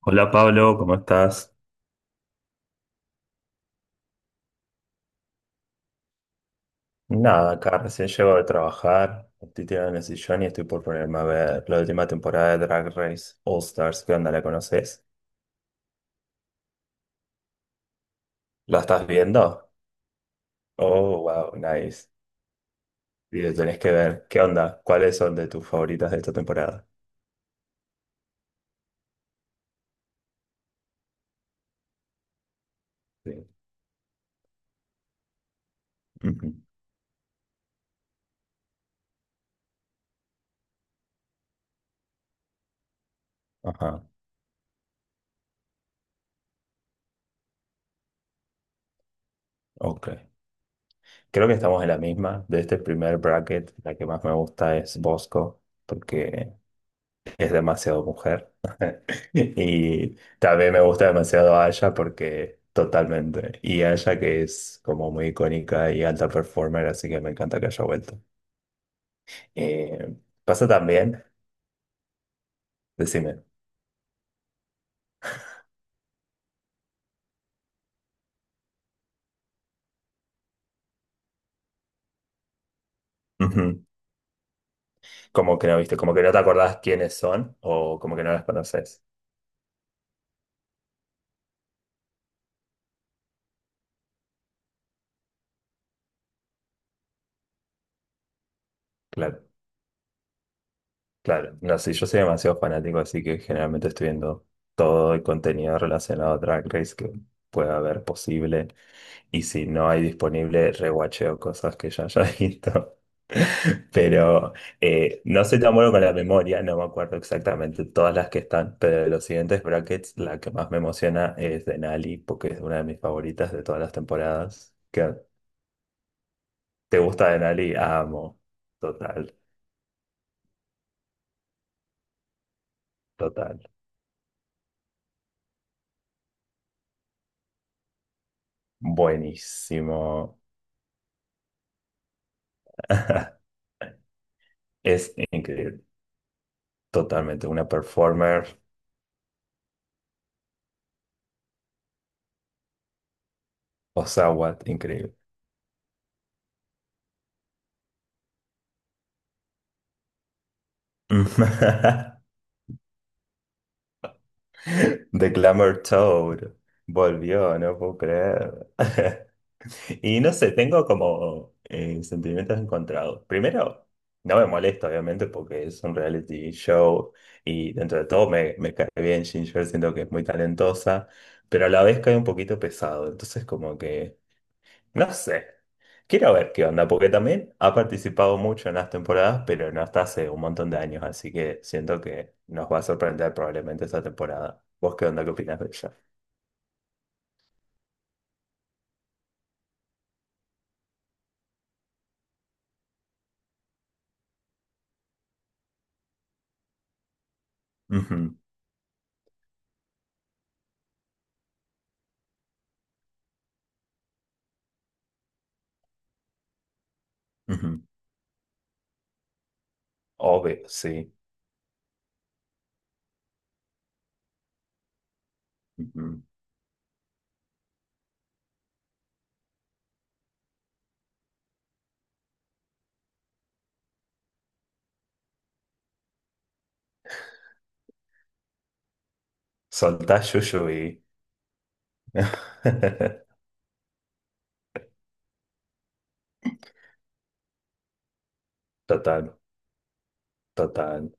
Hola Pablo, ¿cómo estás? Nada, acá recién llego de trabajar, estoy tirado en el sillón y estoy por ponerme a ver la última temporada de Drag Race All Stars. ¿Qué onda? ¿La conoces? ¿La estás viendo? Oh, wow, nice. Y lo tenés que ver. ¿Qué onda? ¿Cuáles son de tus favoritas de esta temporada? Sí. Ujú. Ajá, ok. Creo que estamos en la misma. De este primer bracket, la que más me gusta es Bosco, porque es demasiado mujer. Y también me gusta demasiado Aya porque totalmente. Y Aya que es como muy icónica y alta performer, así que me encanta que haya vuelto. Eh, pasa también, decime, ujú. Como que no viste, como que no te acordás quiénes son o como que no las conoces. Claro, claro. No sé, yo soy demasiado fanático, así que generalmente estoy viendo todo el contenido relacionado a Drag Race que pueda haber posible. Y si no hay disponible, rewatcheo cosas que ya haya visto. Pero no soy tan bueno con la memoria, no me acuerdo exactamente todas las que están, pero de los siguientes brackets, la que más me emociona es Denali, porque es una de mis favoritas de todas las temporadas. ¿Qué- ¿Te gusta Denali? Amo. Total, total. Buenísimo. Es increíble. Totalmente. Una performer. Osawa, increíble. The Glamour Toad volvió, no puedo creer. Y no sé, tengo como sentimientos encontrados. Primero, no me molesta, obviamente, porque es un reality show y dentro de todo me, cae bien Ginger, siento que es muy talentosa, pero a la vez cae un poquito pesado. Entonces, como que no sé. Quiero ver qué onda, porque también ha participado mucho en las temporadas, pero no hasta hace un montón de años, así que siento que nos va a sorprender probablemente esta temporada. ¿Vos qué onda, qué opinás de ella? Ujú, ujú. Obvio, sí. Ujú. Soltá Yuyuy. Total, total.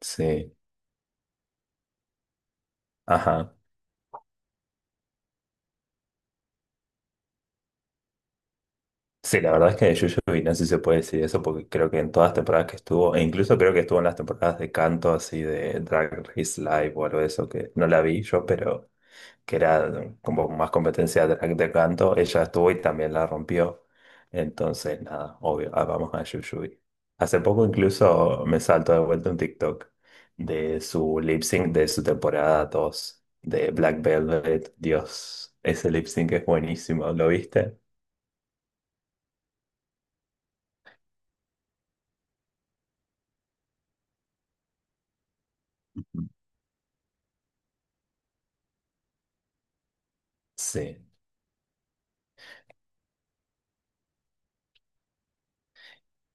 Sí, ajá. Sí, la verdad es que de Yuyuy no sé si se puede decir eso, porque creo que en todas las temporadas que estuvo, e incluso creo que estuvo en las temporadas de canto así de Drag Race Live o algo de eso, que no la vi yo, pero que era como más competencia de, canto, ella estuvo y también la rompió. Entonces, nada, obvio, ah, vamos a Yuyuy. Hace poco incluso me salto de vuelta un TikTok de su lip sync de su temporada 2 de Black Velvet. Dios, ese lip sync es buenísimo, ¿lo viste? Sí.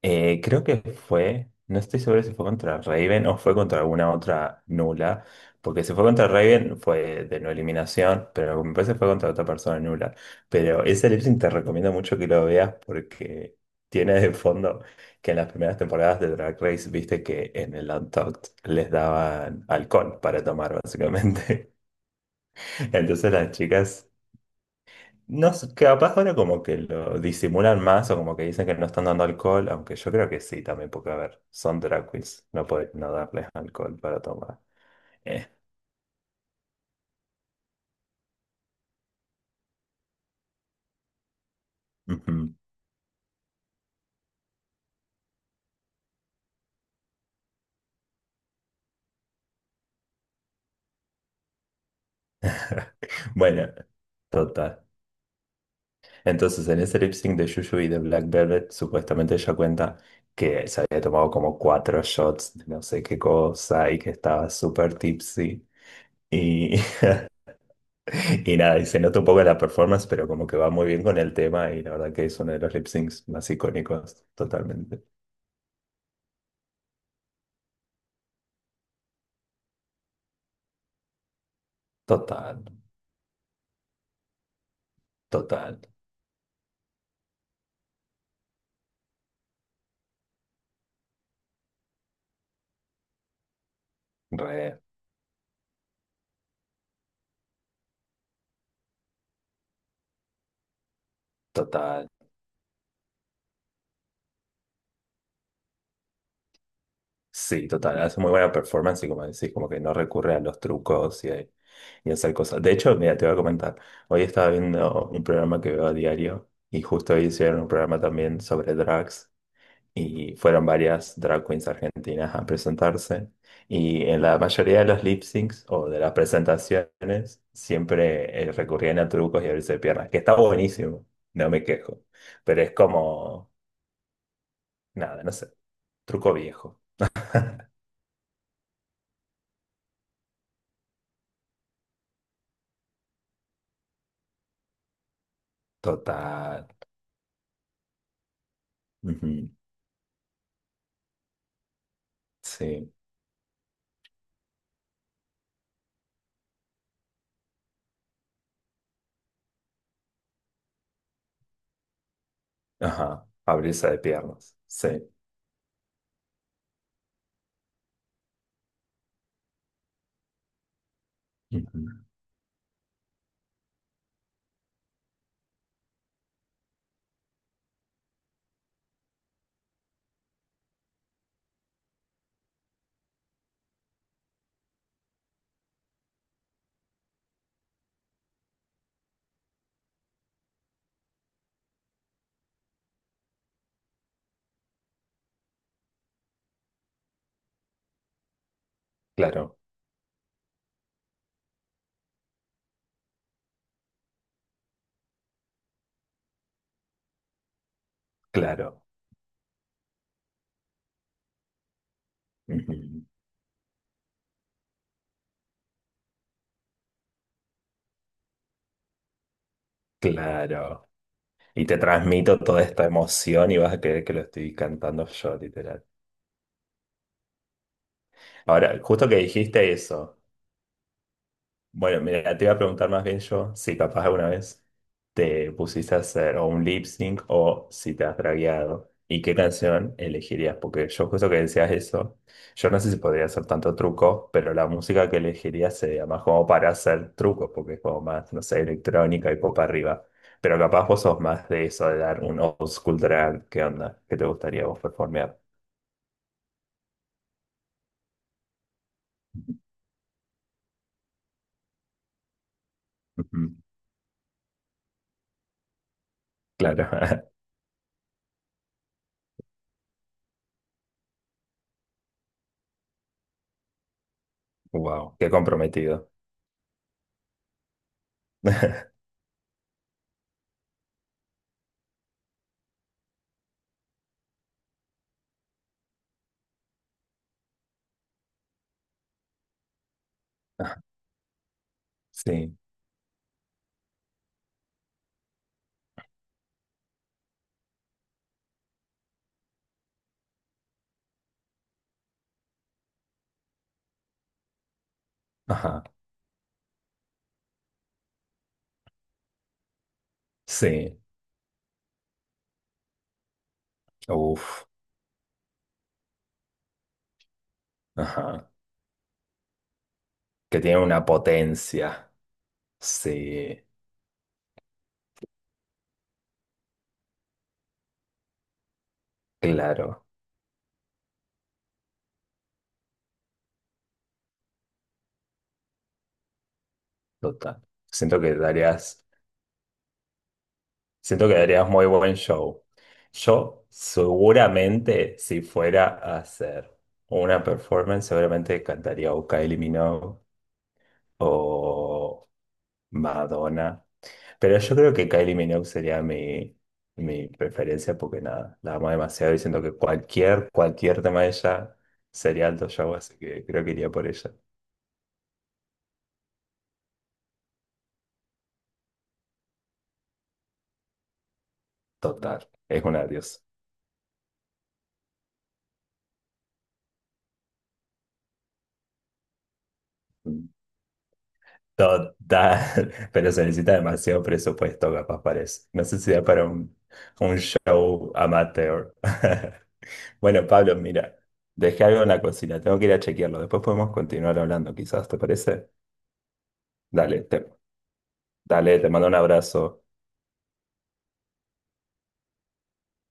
Creo que fue, no estoy seguro si fue contra Raven o fue contra alguna otra nula, porque si fue contra Raven fue de no eliminación, pero me parece que fue contra otra persona nula. Pero ese lip sync te recomiendo mucho que lo veas porque tiene de fondo que en las primeras temporadas de Drag Race viste que en el Untucked les daban alcohol para tomar básicamente. Entonces las chicas no sé, capaz ahora como que lo disimulan más o como que dicen que no están dando alcohol, aunque yo creo que sí también, porque a ver, son drag queens, no pueden no darles alcohol para tomar. Eh, ujú. Bueno, total. Entonces en ese lip sync de Juju y de Black Velvet, supuestamente ella cuenta que se había tomado como 4 shots de no sé qué cosa y que estaba súper tipsy. Y nada, y se nota un poco la performance, pero como que va muy bien con el tema y la verdad que es uno de los lip syncs más icónicos, totalmente. Total, total, re, total. Sí, total, hace muy buena performance y como decís, como que no recurre a los trucos y a hacer cosas. De hecho, mira, te voy a comentar, hoy estaba viendo un programa que veo a diario y justo hoy hicieron un programa también sobre drags. Y fueron varias drag queens argentinas a presentarse. Y en la mayoría de los lip syncs o de las presentaciones siempre recurrían a trucos y abrirse de piernas, que está buenísimo, no me quejo. Pero es como, nada, no sé, truco viejo, total. Ujú. Sí, ajá, abrirse de piernas, sí. Ujú. Claro, claro, ujú, claro. Y te transmito toda esta emoción y vas a creer que lo estoy cantando yo. Ahora, justo que dijiste eso, bueno, mira, te iba a preguntar más bien yo si capaz alguna vez te pusiste a hacer o un lip sync o si te has dragueado y qué canción elegirías, porque yo justo que decías eso, yo no sé si podría hacer tanto truco, pero la música que elegirías sería más como para hacer trucos, porque es como más, no sé, electrónica y pop arriba, pero capaz vos sos más de eso, de dar un old school drag. ¿Qué onda? ¿Qué te gustaría vos performear? Ujú. Claro, wow, qué comprometido. Sí, ajá, sí, uff, ajá, que tiene una potencia, sí, claro, total. Siento que darías muy buen show. Yo seguramente, si fuera a hacer una performance, seguramente cantaría o Kylie Minogue o Madonna. Pero yo creo que Kylie Minogue sería mi preferencia porque nada, la amo demasiado y siento que cualquier tema de ella sería alto show, así que creo que iría por ella. Total, es una diosa. Total, pero se necesita demasiado presupuesto, capaz parece. No sé si da para un show amateur. Bueno, Pablo, mira, dejé algo en la cocina, tengo que ir a chequearlo. Después podemos continuar hablando, quizás, ¿te parece? Dale, te, dale, te mando un abrazo.